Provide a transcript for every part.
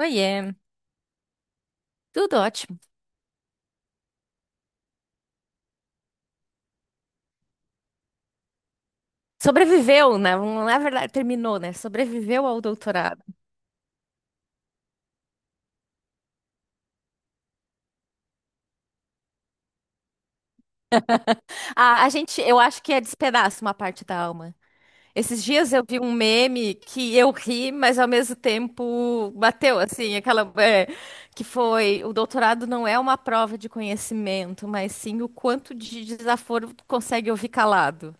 Oiê, tudo ótimo. Sobreviveu, né? Não é verdade, terminou, né? Sobreviveu ao doutorado. A gente, eu acho que é despedaço uma parte da alma. Esses dias eu vi um meme que eu ri, mas ao mesmo tempo bateu, assim, aquela, que foi, o doutorado não é uma prova de conhecimento, mas sim o quanto de desaforo tu consegue ouvir calado.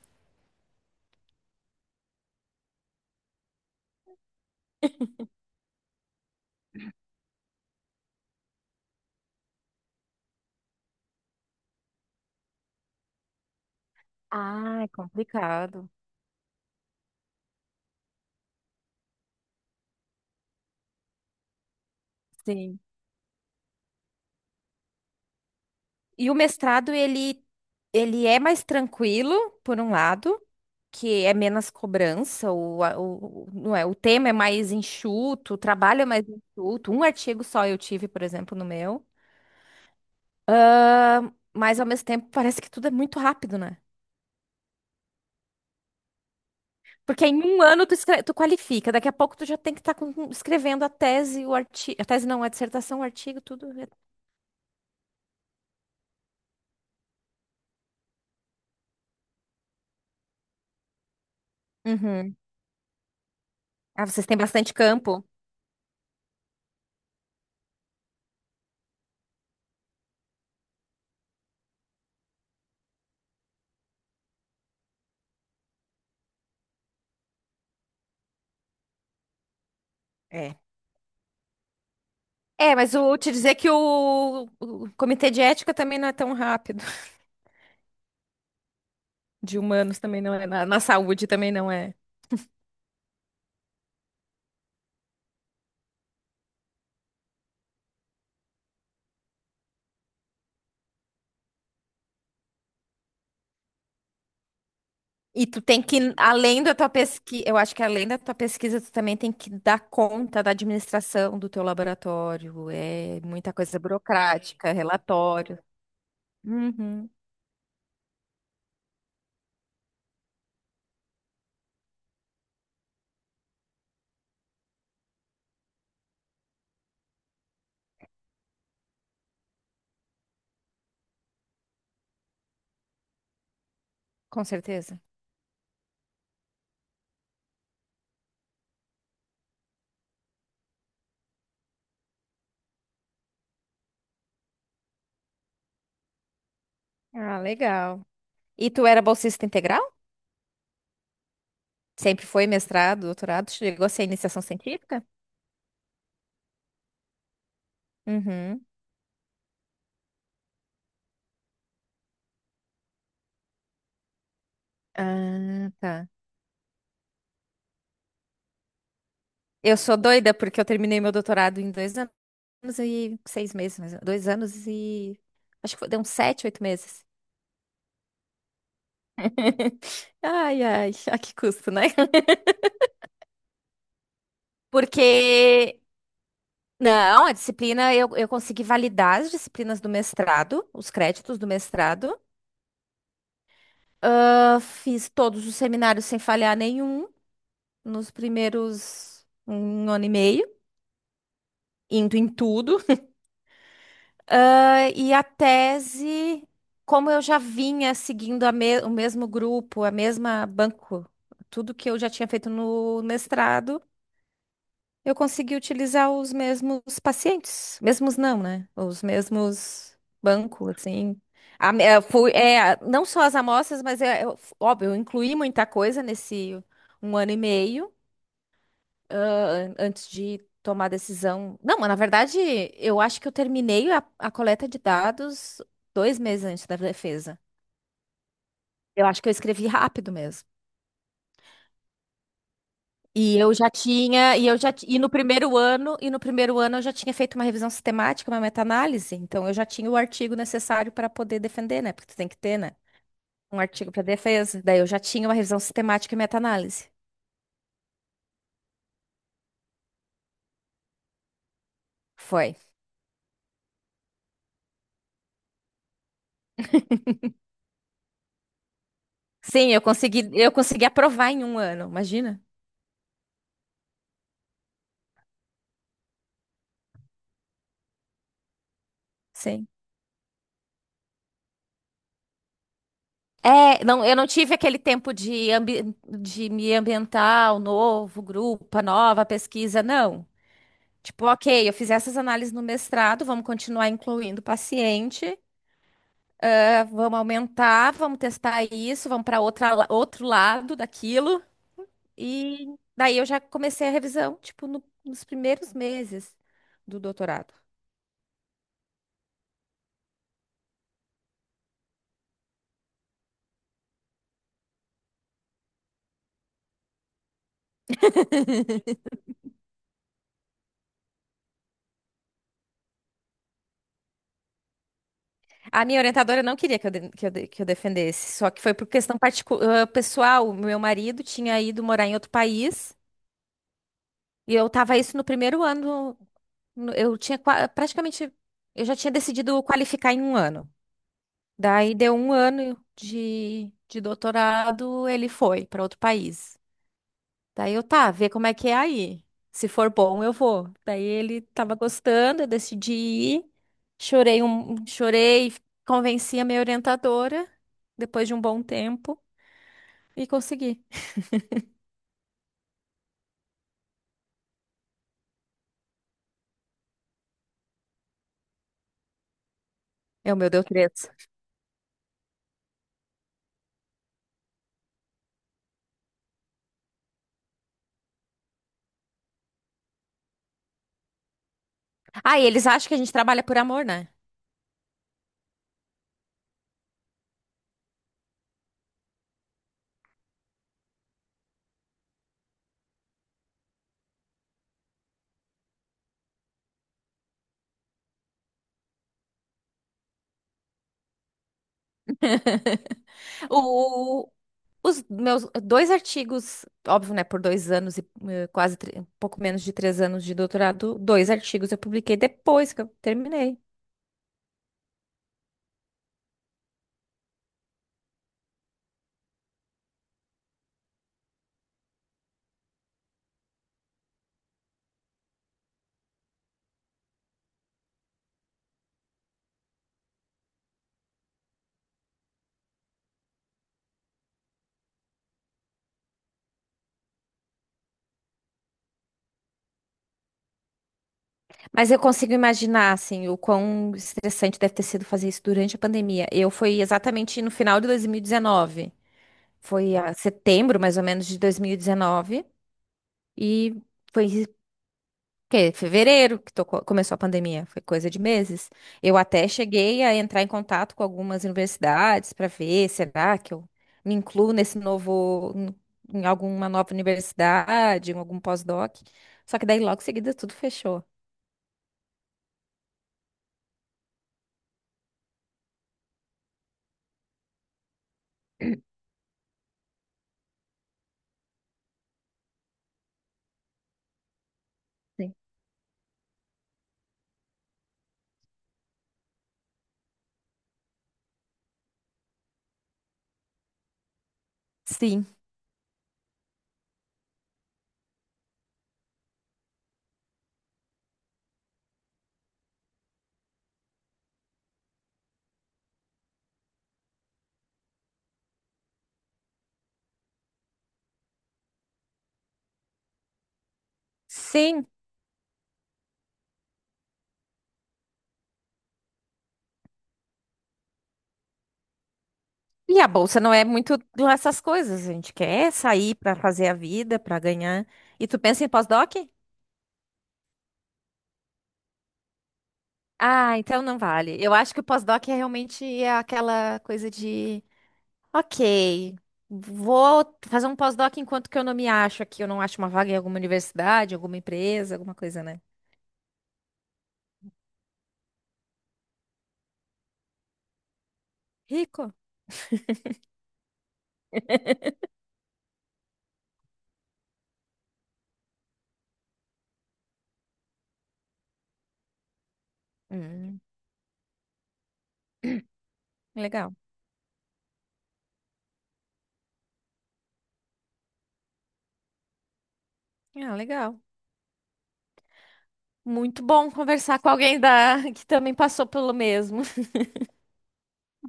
Ah, é complicado. Sim. E o mestrado, ele é mais tranquilo, por um lado, que é menos cobrança, o, a- o, o- não é, o tema é mais enxuto, o trabalho é mais enxuto. Um artigo só eu tive, por exemplo, no meu. Mas, ao mesmo tempo, parece que tudo é muito rápido, né? Porque em um ano tu, tu qualifica, daqui a pouco tu já tem que estar escrevendo a tese, o artigo. A tese não, a dissertação, o artigo, tudo. Uhum. Ah, vocês têm bastante campo. É. É, mas eu te dizer que o comitê de ética também não é tão rápido. De humanos também não é. Na saúde também não é. E tu tem que, além da tua pesquisa, eu acho que além da tua pesquisa, tu também tem que dar conta da administração do teu laboratório. É muita coisa burocrática, relatório. Uhum, com certeza. Ah, legal. E tu era bolsista integral? Sempre foi mestrado, doutorado? Chegou a ser iniciação científica? Uhum. Ah, tá. Eu sou doida porque eu terminei meu doutorado em dois anos. Anos e seis meses, mais ou- dois anos e. Acho que foi- deu uns sete, oito meses. Ai, ai, a que custo, né? Porque. Não, a disciplina, eu consegui validar as disciplinas do mestrado, os créditos do mestrado. Ah, fiz todos os seminários sem falhar nenhum nos primeiros um ano e meio, indo em tudo. E a tese, como eu já vinha seguindo o mesmo grupo, a mesma banco, tudo que eu já tinha feito no mestrado, eu consegui utilizar os mesmos pacientes. Mesmos não, né? Os mesmos bancos, assim. Fui, é, não só as amostras, mas é, óbvio, eu incluí muita coisa nesse um ano e meio ah, antes de tomar decisão. Não, mas na verdade, eu acho que eu terminei a coleta de dados dois meses antes da defesa. Eu acho que eu escrevi rápido mesmo. E eu já tinha, e eu já, ti- e no primeiro ano, E no primeiro ano eu já tinha feito uma revisão sistemática, uma meta-análise, então eu já tinha o artigo necessário para poder defender, né? Porque tu tem que ter, né? Um artigo para defesa. Daí eu já tinha uma revisão sistemática e meta-análise. Foi. Sim, eu consegui aprovar em um ano, imagina? Sim. É, não, eu não tive aquele tempo de me ambientar, o novo grupo, a nova pesquisa, não. Tipo, ok, eu fiz essas análises no mestrado, vamos continuar incluindo o paciente, vamos aumentar, vamos testar isso, vamos para outra, outro lado daquilo. E daí eu já comecei a revisão, tipo, nos primeiros meses do doutorado. A minha orientadora não queria que eu defendesse, só que foi por questão pessoal. O meu marido tinha ido morar em outro país. E eu tava isso no primeiro ano. Eu tinha praticamente. Eu já tinha decidido qualificar em um ano. Daí deu um ano de doutorado, ele foi para outro país. Daí eu tá, vê como é que é aí. Se for bom, eu vou. Daí ele tava gostando, eu decidi ir. Chorei, convenci a minha orientadora depois de um bom tempo e consegui. Eu, meu Deus, três. Ah, e eles acham que a gente trabalha por amor, né? O, Os meus dois artigos, óbvio, né, por dois anos e quase um pouco menos de três anos de doutorado, dois artigos eu publiquei depois que eu terminei. Mas eu consigo imaginar, assim, o quão estressante deve ter sido fazer isso durante a pandemia. Eu foi exatamente no final de 2019, foi a setembro, mais ou menos, de 2019, e foi que fevereiro começou a pandemia, foi coisa de meses. Eu até cheguei a entrar em contato com algumas universidades para ver, será que eu me incluo nesse novo, em alguma nova universidade, em algum pós-doc. Só que daí logo em seguida tudo fechou. Sim. Sim. Sim. E a bolsa não é muito lá essas coisas, a gente quer sair para fazer a vida, para ganhar. E tu pensa em pós-doc? Ah, então não vale. Eu acho que o pós-doc é realmente aquela coisa de ok. Vou fazer um pós-doc enquanto que eu não me acho aqui. Eu não acho uma vaga em alguma universidade, alguma empresa, alguma coisa, né? Rico? Hum, legal. Ah, legal. Muito bom conversar com alguém da... que também passou pelo mesmo.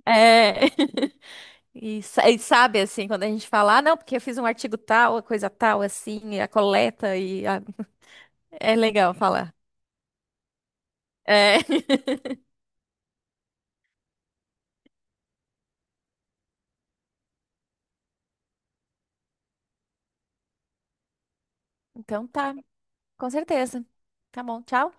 É. E sabe, assim, quando a gente fala, ah, não, porque eu fiz um artigo tal, a coisa tal, assim, e a coleta, é legal falar. É. Então tá, com certeza. Tá bom, tchau.